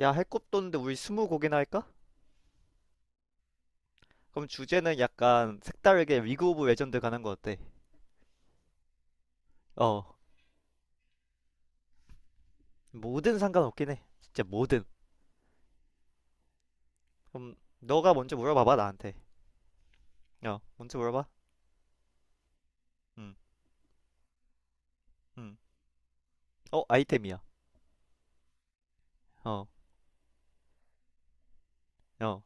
야, 할 것도 없는데 우리 스무 곡이나 할까? 그럼 주제는 약간 색다르게 리그 오브 레전드 가는 거 어때? 어, 뭐든 상관없긴 해. 진짜 뭐든. 그럼 너가 먼저 물어봐봐, 나한테. 어, 먼저 물어봐. 응, 응. 어, 아이템이야. 어, 어,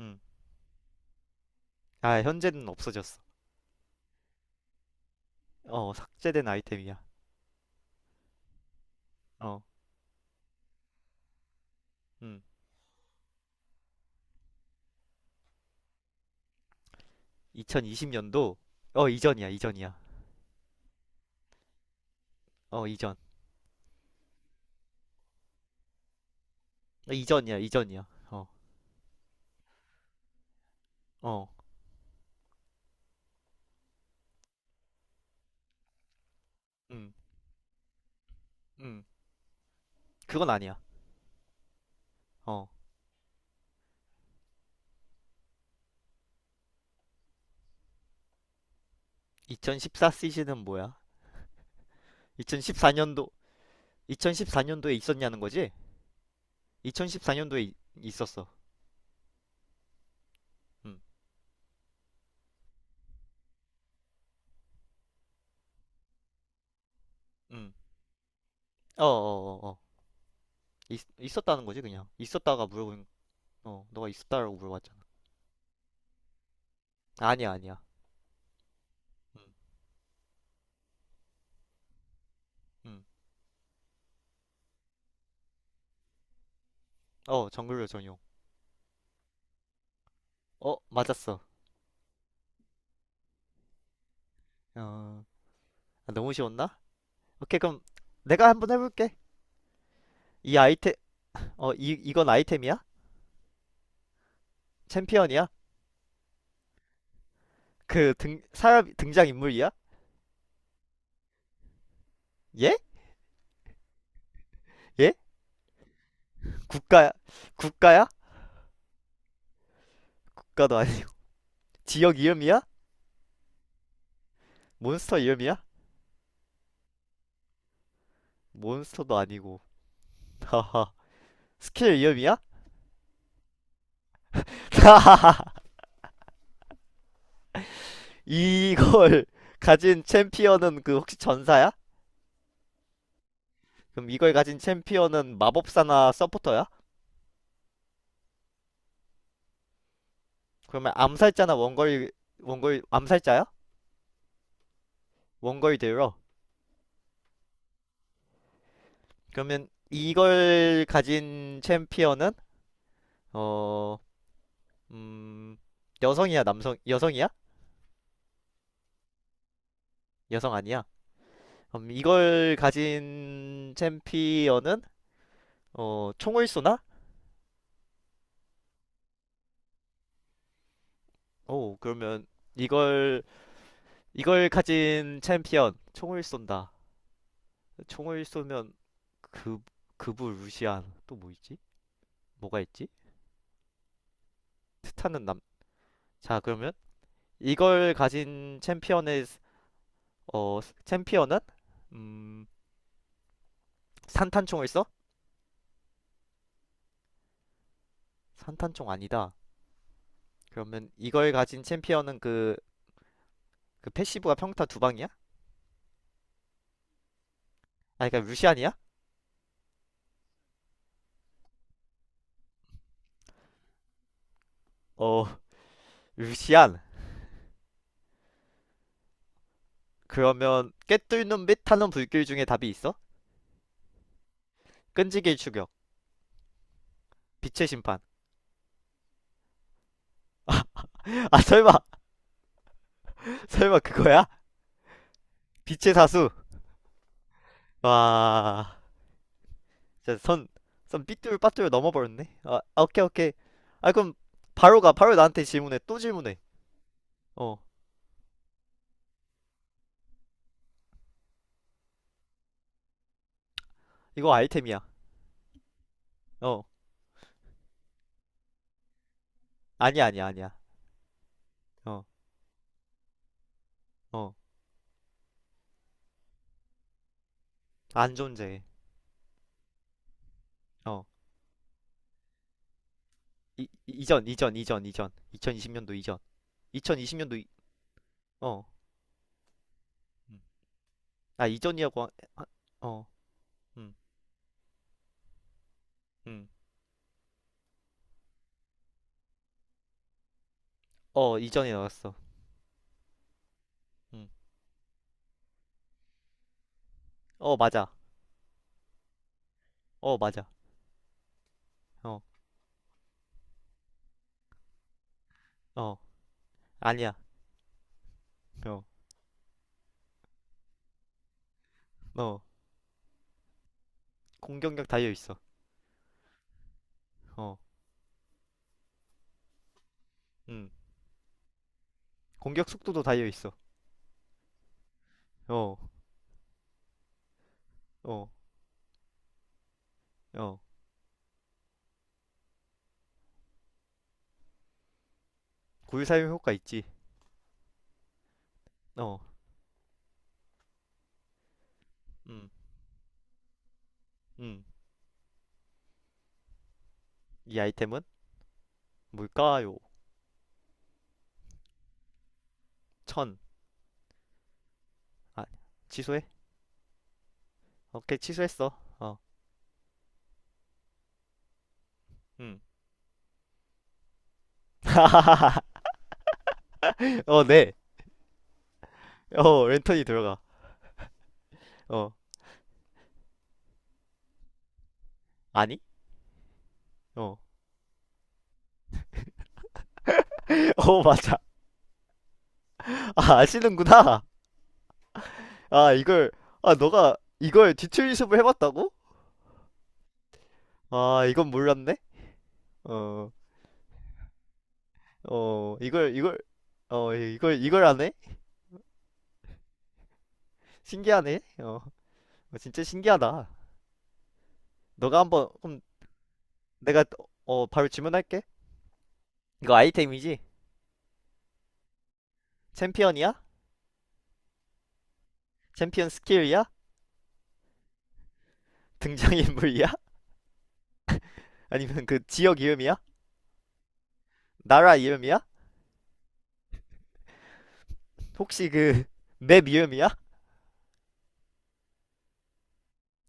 응. 아, 현재는 없어졌어. 어, 삭제된 아이템이야. 어, 응. 2020년도, 이전이야, 이전이야. 어, 이전. 어, 이전이야, 이전이야. 어, 어, 응, 응. 그건 아니야. 어, 2014 시즌은 뭐야? 2014년도 2014년도에 있었냐는 거지? 2014년도에 있었어. 음. 음. 어, 어, 어, 어. 있었다는 거지, 그냥. 있었다가 물어본 어, 너가 있었다라고 물어봤잖아. 아니야, 아니야. 음. 음. 어, 정글러 전용. 어, 맞았어. 어. 아, 너무 쉬웠나? 오케이, 그럼 내가 한번 해볼게. 이 아이템 이 이건 아이템이야? 챔피언이야? 그 등 사람 등장 인물이야? 예? 예? 국가야? 국가야? 국가도 아니. 지역 이름이야? 몬스터 이름이야? 몬스터도 아니고. 하하. 스킬 위험이야? 하하. 이걸 가진 챔피언은 그 혹시 전사야? 그럼 이걸 가진 챔피언은 마법사나 서포터야? 그러면 암살자나 원거리 암살자야? 원거리 딜러. 그러면 이걸 가진 챔피언은 어, 음, 남성, 여성이야? 여성 아니야? 그럼 이걸 가진 챔피언은 총을 쏘나? 오, 그러면 이걸 이걸 가진 챔피언 총을 쏜다. 총을 쏘면 그 그부 루시안 또 뭐 있지? 뭐가 있지? 스타는 남. 자 그러면 이걸 가진 챔피언의 어 챔피언은 음 산탄총을 써? 산탄총 아니다. 그러면 이걸 가진 챔피언은 그 패시브가 평타 두 방이야? 아 그러니까 루시안이야? 어 루시안. 그러면 깨뚫는 및 타는 불길 중에 답이 있어? 끈질길 추격, 빛의 심판. 아 설마 설마 그거야? 빛의 사수. 와, 진짜 선, 선 삐뚤 빠뚤 넘어버렸네. 아, 아, 오케이, 오케이. 아, 그럼 바로 가. 바로 나한테 질문해. 또 질문해. 어, 이거 아이템이야. 어, 아니야, 아니야, 아니야. 어, 어, 안 존재해. 어, 이전, 이전, 이전, 이전. 2020년도 이전. 2020년도, 이, 어. 음. 아, 이전이라고, 하- 하- 어, 음, 음. 어, 이전에 나왔어. 음. 어, 맞아. 어, 맞아. 어, 어, 아니야. 어, 어. 공격력 달려있어. 어, 음. 공격 속도도 달려 있어. 어, 어, 어. 구유 사용 효과 있지. 어, 음, 음. 이 아이템은 뭘까요? 천. 아, 취소해? 오케이, 취소했어. 어, 음. 어, 네. 어, 랜턴이 들어가. 어, 아니? 어, 어, 맞아. 아, 아시는구나. 아, 이걸, 아, 너가 이걸 뒤틀리습을 해봤다고? 아, 이건 몰랐네. 어, 어, 이걸 안 해? 신기하네. 어, 진짜 신기하다. 너가 한번 그럼 내가 바로 질문할게. 이거 아이템이지? 챔피언이야? 챔피언 스킬이야? 등장인물이야? 아니면 그 지역 이름이야? 나라 이름이야? 혹시 그 맵 이름이야?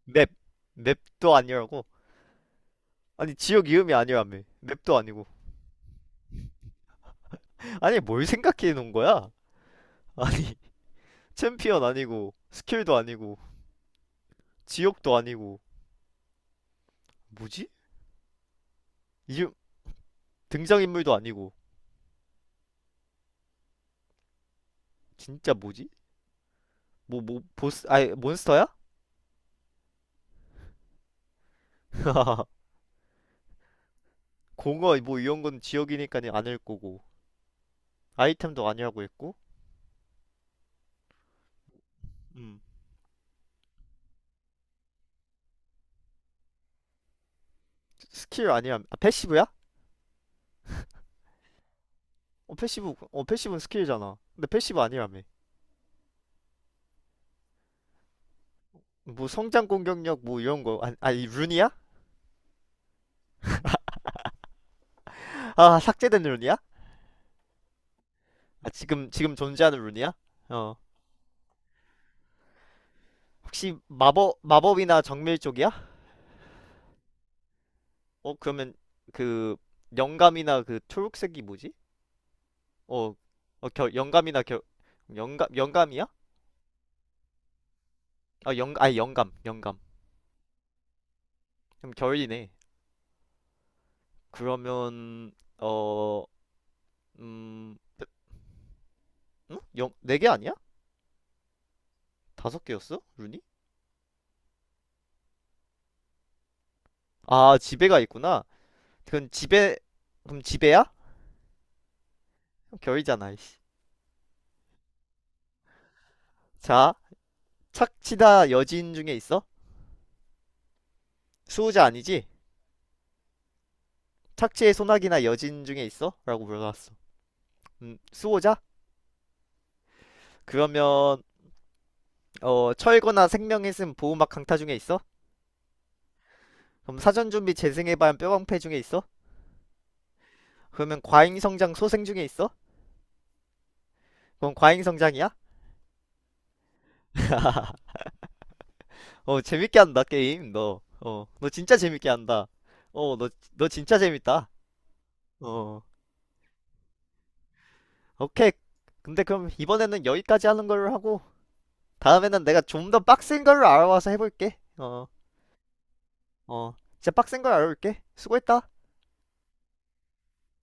맵 맵도 아니라고? 아니 지역 이름이 아니라며 맵도 아니고 아니 뭘 생각해 놓은 거야? 아니 챔피언 아니고 스킬도 아니고 지역도 아니고 뭐지? 이름 등장인물도 아니고 진짜 뭐지? 뭐 보스 아니 몬스터야? 공어 뭐 이런 건 지역이니까 아닐 거고 아이템도 아니라고 했고 음. 스킬 아니야 아, 패시브야? 어 패시브는 스킬이잖아 근데 패시브 아니라며 뭐 성장 공격력 뭐 이런 거 아니 아니 룬이야? 아 삭제된 룬이야? 아 지금 존재하는 룬이야? 어 혹시 마법이나 정밀 쪽이야? 어 그러면 그 영감이나 그 초록색이 뭐지? 어, 어 겨, 영감이나 겨 영감이야? 아 영, 아니 영감 영감 그럼 결이네 그러면 어, 음, 응? 영, 네개 아니야? 다섯 개였어? 룬이? 아, 지배가 있구나. 그럼 지배, 그럼 지배야? 결이잖아, 이씨. 자, 착취다 여진 중에 있어? 수호자 아니지? 착취의 소나기나 여진 중에 있어? 라고 물어봤어. 수호자? 그러면 철거나 생명의슴 보호막 강타 중에 있어? 그럼 사전 준비 재생의 반 뼈방패 중에 있어? 그러면 과잉 성장 소생 중에 있어? 그럼 과잉 성장이야? 어, 재밌게 한다, 게임, 너. 너 진짜 재밌게 한다. 어, 너 진짜 재밌다. 어, 오케이. 근데 그럼 이번에는 여기까지 하는 걸로 하고, 다음에는 내가 좀 더 빡센 걸로 알아와서 해볼게. 어, 어, 진짜 빡센 걸 알아볼게. 수고했다.